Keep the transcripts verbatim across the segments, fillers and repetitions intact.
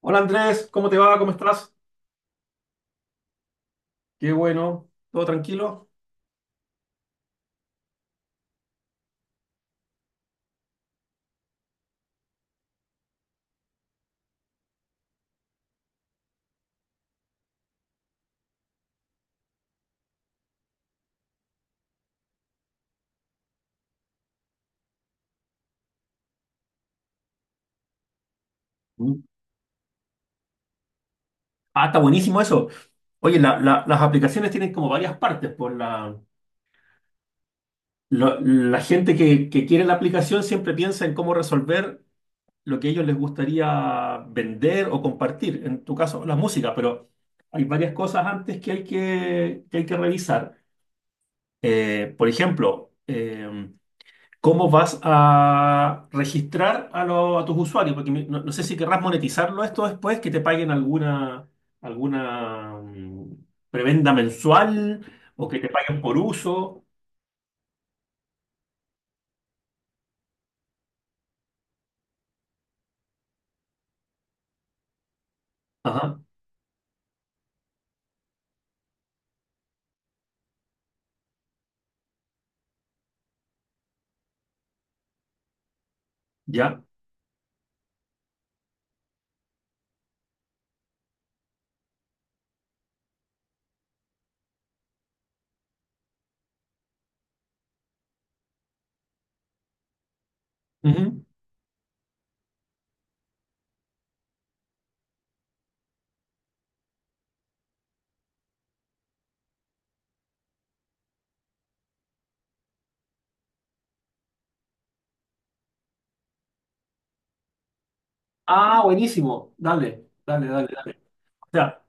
Hola Andrés, ¿cómo te va? ¿Cómo estás? Qué bueno, ¿todo tranquilo? Mm. Ah, está buenísimo eso. Oye, la- la- las aplicaciones tienen como varias partes. Por la, lo- la gente que, que quiere la aplicación siempre piensa en cómo resolver lo que a ellos les gustaría vender o compartir. En tu caso, la música, pero hay varias cosas antes que hay que, que hay que revisar. Eh, por ejemplo, em, cómo vas a registrar a, lo- a tus usuarios, porque mi- no, no sé si querrás monetizarlo esto después, que te paguen alguna, alguna mm, prebenda mensual o que te paguen por uso. Ajá, ya. Ujú. Ah, buenísimo. Dale, dale, dale, dale. O sea,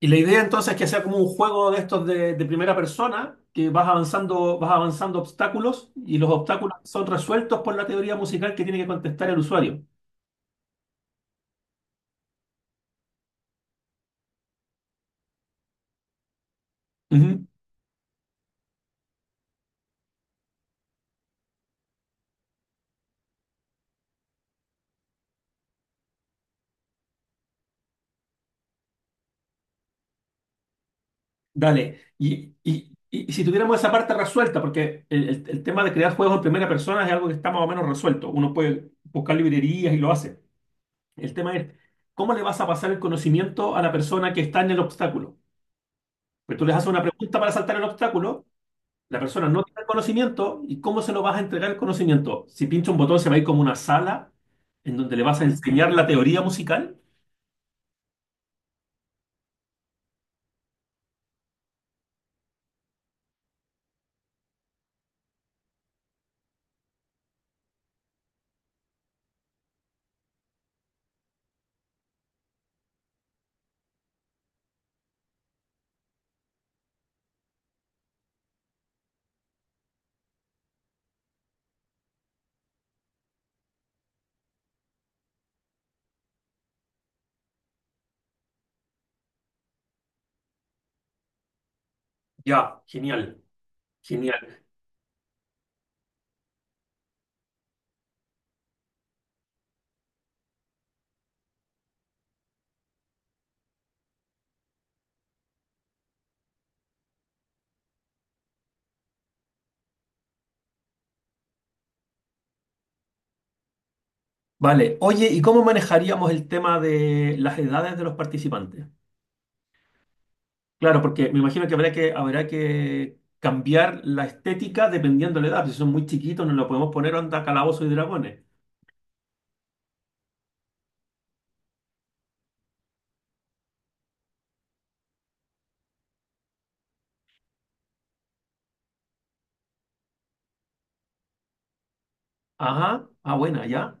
y la idea entonces es que sea como un juego de estos de, de primera persona, que vas avanzando, vas avanzando obstáculos y los obstáculos son resueltos por la teoría musical que tiene que contestar el usuario. Ujú. Dale, y, y- y- y si tuviéramos esa parte resuelta, porque el, el- el tema de crear juegos en primera persona es algo que está más o menos resuelto, uno puede buscar librerías y lo hace. El tema es, ¿cómo le vas a pasar el conocimiento a la persona que está en el obstáculo? Pues tú les haces una pregunta para saltar el obstáculo, la persona no tiene el conocimiento, ¿y cómo se lo vas a entregar el conocimiento? Si pincha un botón se va a ir como una sala en donde le vas a enseñar la teoría musical. Ya, genial, genial. Vale, oye, ¿y cómo manejaríamos el tema de las edades de los participantes? Claro, porque me imagino que habrá que, habrá que cambiar la estética dependiendo de la edad. Si son muy chiquitos, no lo podemos poner onda calabozos y dragones. Ajá, ah, buena, ya.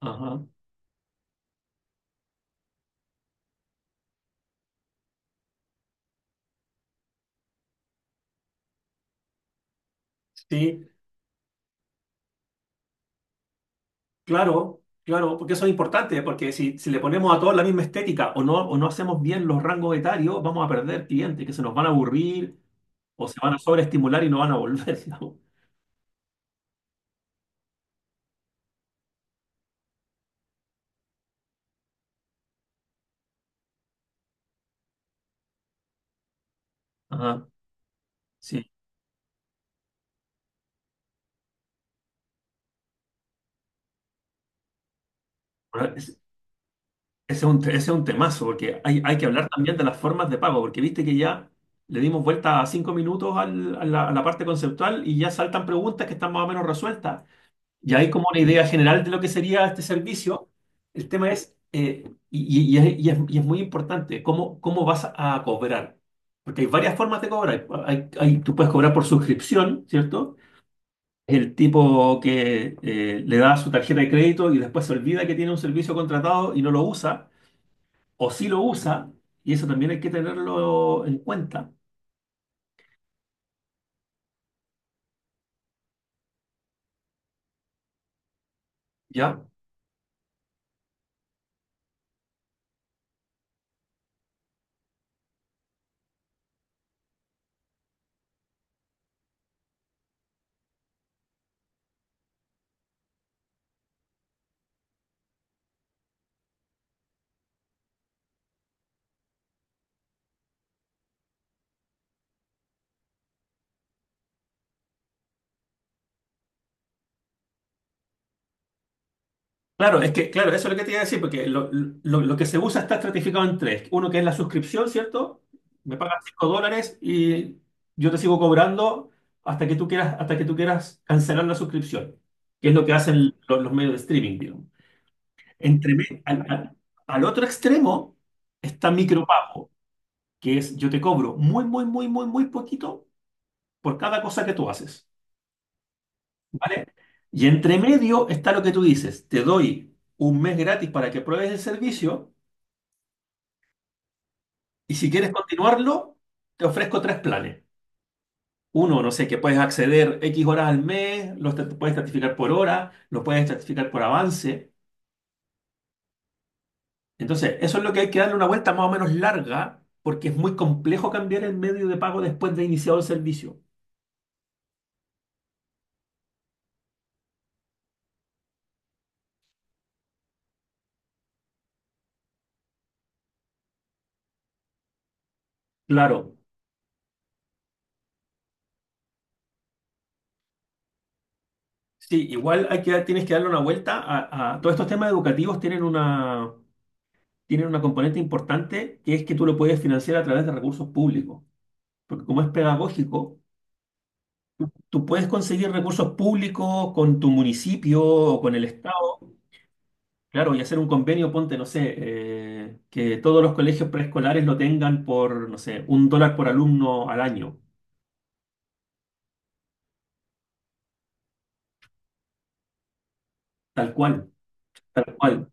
Ajá, sí, claro, claro, porque eso es importante, porque si, si le ponemos a todos la misma estética o no, o no hacemos bien los rangos etarios, vamos a perder clientes que se nos van a aburrir o se van a sobreestimular y no van a volver, digamos. Ajá, sí. Ese es un, te- ese es un temazo, porque hay, hay que hablar también de las formas de pago, porque viste que ya le dimos vuelta a cinco minutos al- a la, a la parte conceptual y ya saltan preguntas que están más o menos resueltas. Ya hay como una idea general de lo que sería este servicio. El tema es, eh, y, y- y es, y es- y es muy importante, cómo, cómo vas a cobrar. Porque hay varias formas de cobrar. Hay- hay- tú puedes cobrar por suscripción, ¿cierto? El tipo que eh, le da su tarjeta de crédito y después se olvida que tiene un servicio contratado y no lo usa o si lo usa, y eso también hay que tenerlo en cuenta. ¿Ya? Claro, es que, claro, eso es lo que te iba a decir, porque lo, lo- lo que se usa está estratificado en tres. Uno que es la suscripción, ¿cierto? Me pagas cinco dólares y yo te sigo cobrando hasta que tú quieras, hasta que tú quieras cancelar la suscripción, que es lo que hacen lo- los, medios de streaming, digamos. Entre, me- al, al- al otro extremo está micropago, que es yo te cobro muy, muy, muy, muy, muy poquito por cada cosa que tú haces. ¿Vale? Y entre medio está lo que tú dices, te doy un mes gratis para que pruebes el servicio y si quieres continuarlo, te ofrezco tres planes. Uno, no sé, que puedes acceder X horas al mes, los te- puedes certificar por hora, lo puedes certificar por avance. Entonces, eso es lo que hay que darle una vuelta más o menos larga porque es muy complejo cambiar el medio de pago después de iniciado el servicio. Claro, sí, igual hay que, dar- tienes que darle una vuelta a, a- todos estos temas educativos tienen una tienen una componente importante que es que tú lo puedes financiar a través de recursos públicos, porque como es pedagógico, tú puedes conseguir recursos públicos con tu municipio o con el Estado, claro, y hacer un convenio, ponte, no sé, eh, que todos los colegios preescolares lo tengan por, no sé, un dólar por alumno al año, tal cual, tal cual.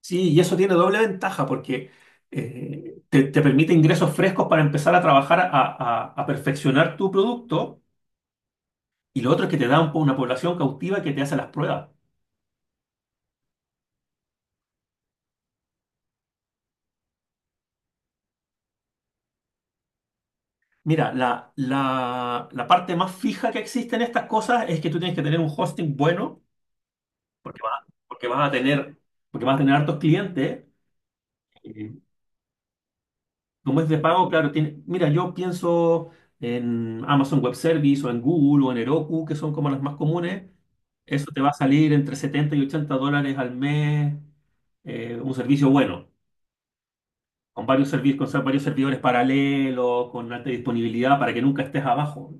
Sí, y eso tiene doble ventaja porque eh, te, te permite ingresos frescos para empezar a trabajar a, a- a perfeccionar tu producto. Y lo otro es que te da un po- una población cautiva que te hace las pruebas. Mira, la, la, la parte más fija que existe en estas cosas es que tú tienes que tener un hosting bueno, porque vas, porque vas a tener, porque vas a tener hartos clientes. Eh, Como es de pago, claro, tiene, mira, yo pienso en Amazon Web Service o en Google o en Heroku, que son como las más comunes. Eso te va a salir entre setenta y ochenta dólares al mes, eh, un servicio bueno, con varios servidores, con ser- varios servidores paralelos, con alta disponibilidad para que nunca estés abajo.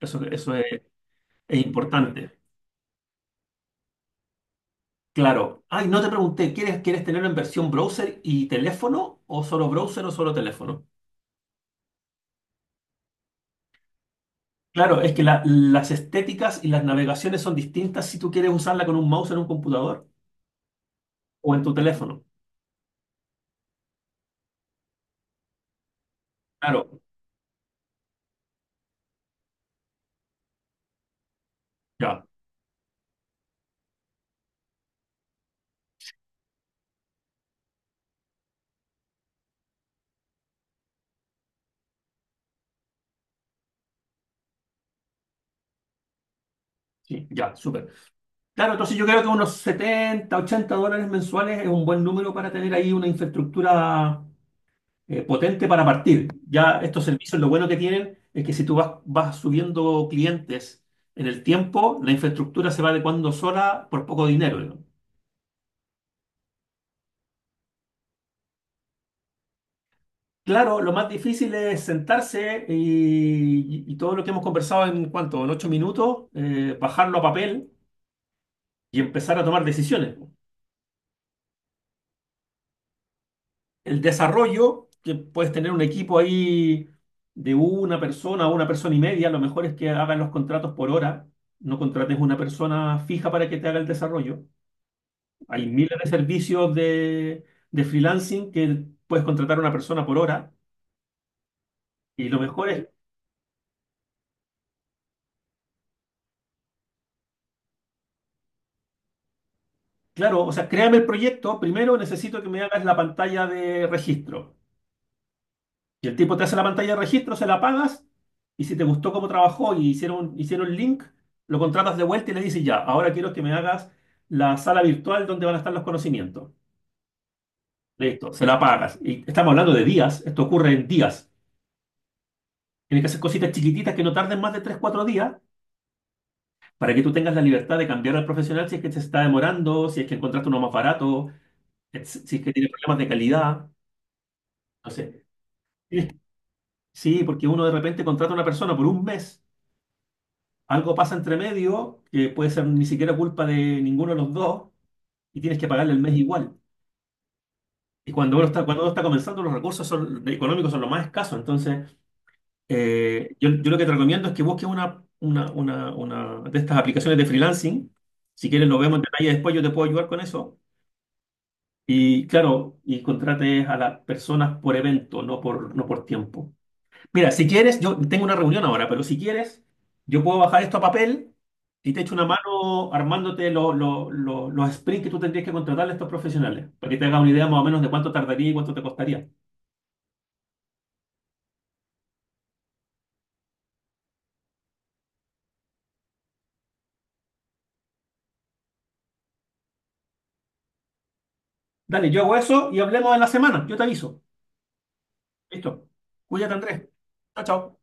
Eso, eso es, es importante. Claro. Ay, no te pregunté, ¿quieres, quieres tenerlo en versión browser y teléfono o solo browser o solo teléfono? Claro, es que la- las estéticas y las navegaciones son distintas si tú quieres usarla con un mouse en un computador o en tu teléfono. Claro, ya, sí, ya, súper. Claro, entonces yo creo que unos setenta ochenta dólares mensuales es un buen número para tener ahí una infraestructura eh, potente para partir. Ya estos servicios, lo bueno que tienen es que si tú vas, vas subiendo clientes en el tiempo, la infraestructura se va adecuando sola por poco dinero. ¿No? Claro, lo más difícil es sentarse y, y todo lo que hemos conversado en cuánto, en ocho minutos, eh, bajarlo a papel y empezar a tomar decisiones. El desarrollo, que puedes tener un equipo ahí de una persona o una persona y media, lo mejor es que hagan los contratos por hora, no contrates una persona fija para que te haga el desarrollo. Hay miles de servicios de, de freelancing que puedes contratar a una persona por hora. Y lo mejor es, claro, o sea, créame el proyecto. Primero necesito que me hagas la pantalla de registro. Y el tipo te hace la pantalla de registro, se la pagas. Y si te gustó cómo trabajó y hicieron, hicieron el link, lo contratas de vuelta y le dices ya, ahora quiero que me hagas la sala virtual donde van a estar los conocimientos. Listo, se la pagas. Y estamos hablando de días. Esto ocurre en días. Tienes que hacer cositas chiquititas que no tarden más de tres cuatro días para que tú tengas la libertad de cambiar al profesional si es que se está demorando, si es que encontraste uno más barato, et- si es que tiene problemas de calidad. No sé. Sí, sí, porque uno de repente contrata a una persona por un mes, algo pasa entre medio, que puede ser ni siquiera culpa de ninguno de los dos, y tienes que pagarle el mes igual. Y cuando uno está, cuando uno está comenzando, los recursos son- económicos son los más escasos. Entonces, eh, yo, yo lo que te recomiendo es que busques una, una, una, una de estas aplicaciones de freelancing. Si quieres, lo vemos en detalle después, yo te puedo ayudar con eso. Y claro, y contrates a las personas por evento, no por, no por, tiempo. Mira, si quieres, yo tengo una reunión ahora, pero si quieres, yo puedo bajar esto a papel y te echo una mano armándote lo- lo- lo- los sprints que tú tendrías que contratarle a estos profesionales, para que te hagas una idea más o menos de cuánto tardaría y cuánto te costaría. Dale, yo hago eso y hablemos en la semana. Yo te aviso. Listo. Cuídate, Andrés. Chao, chao.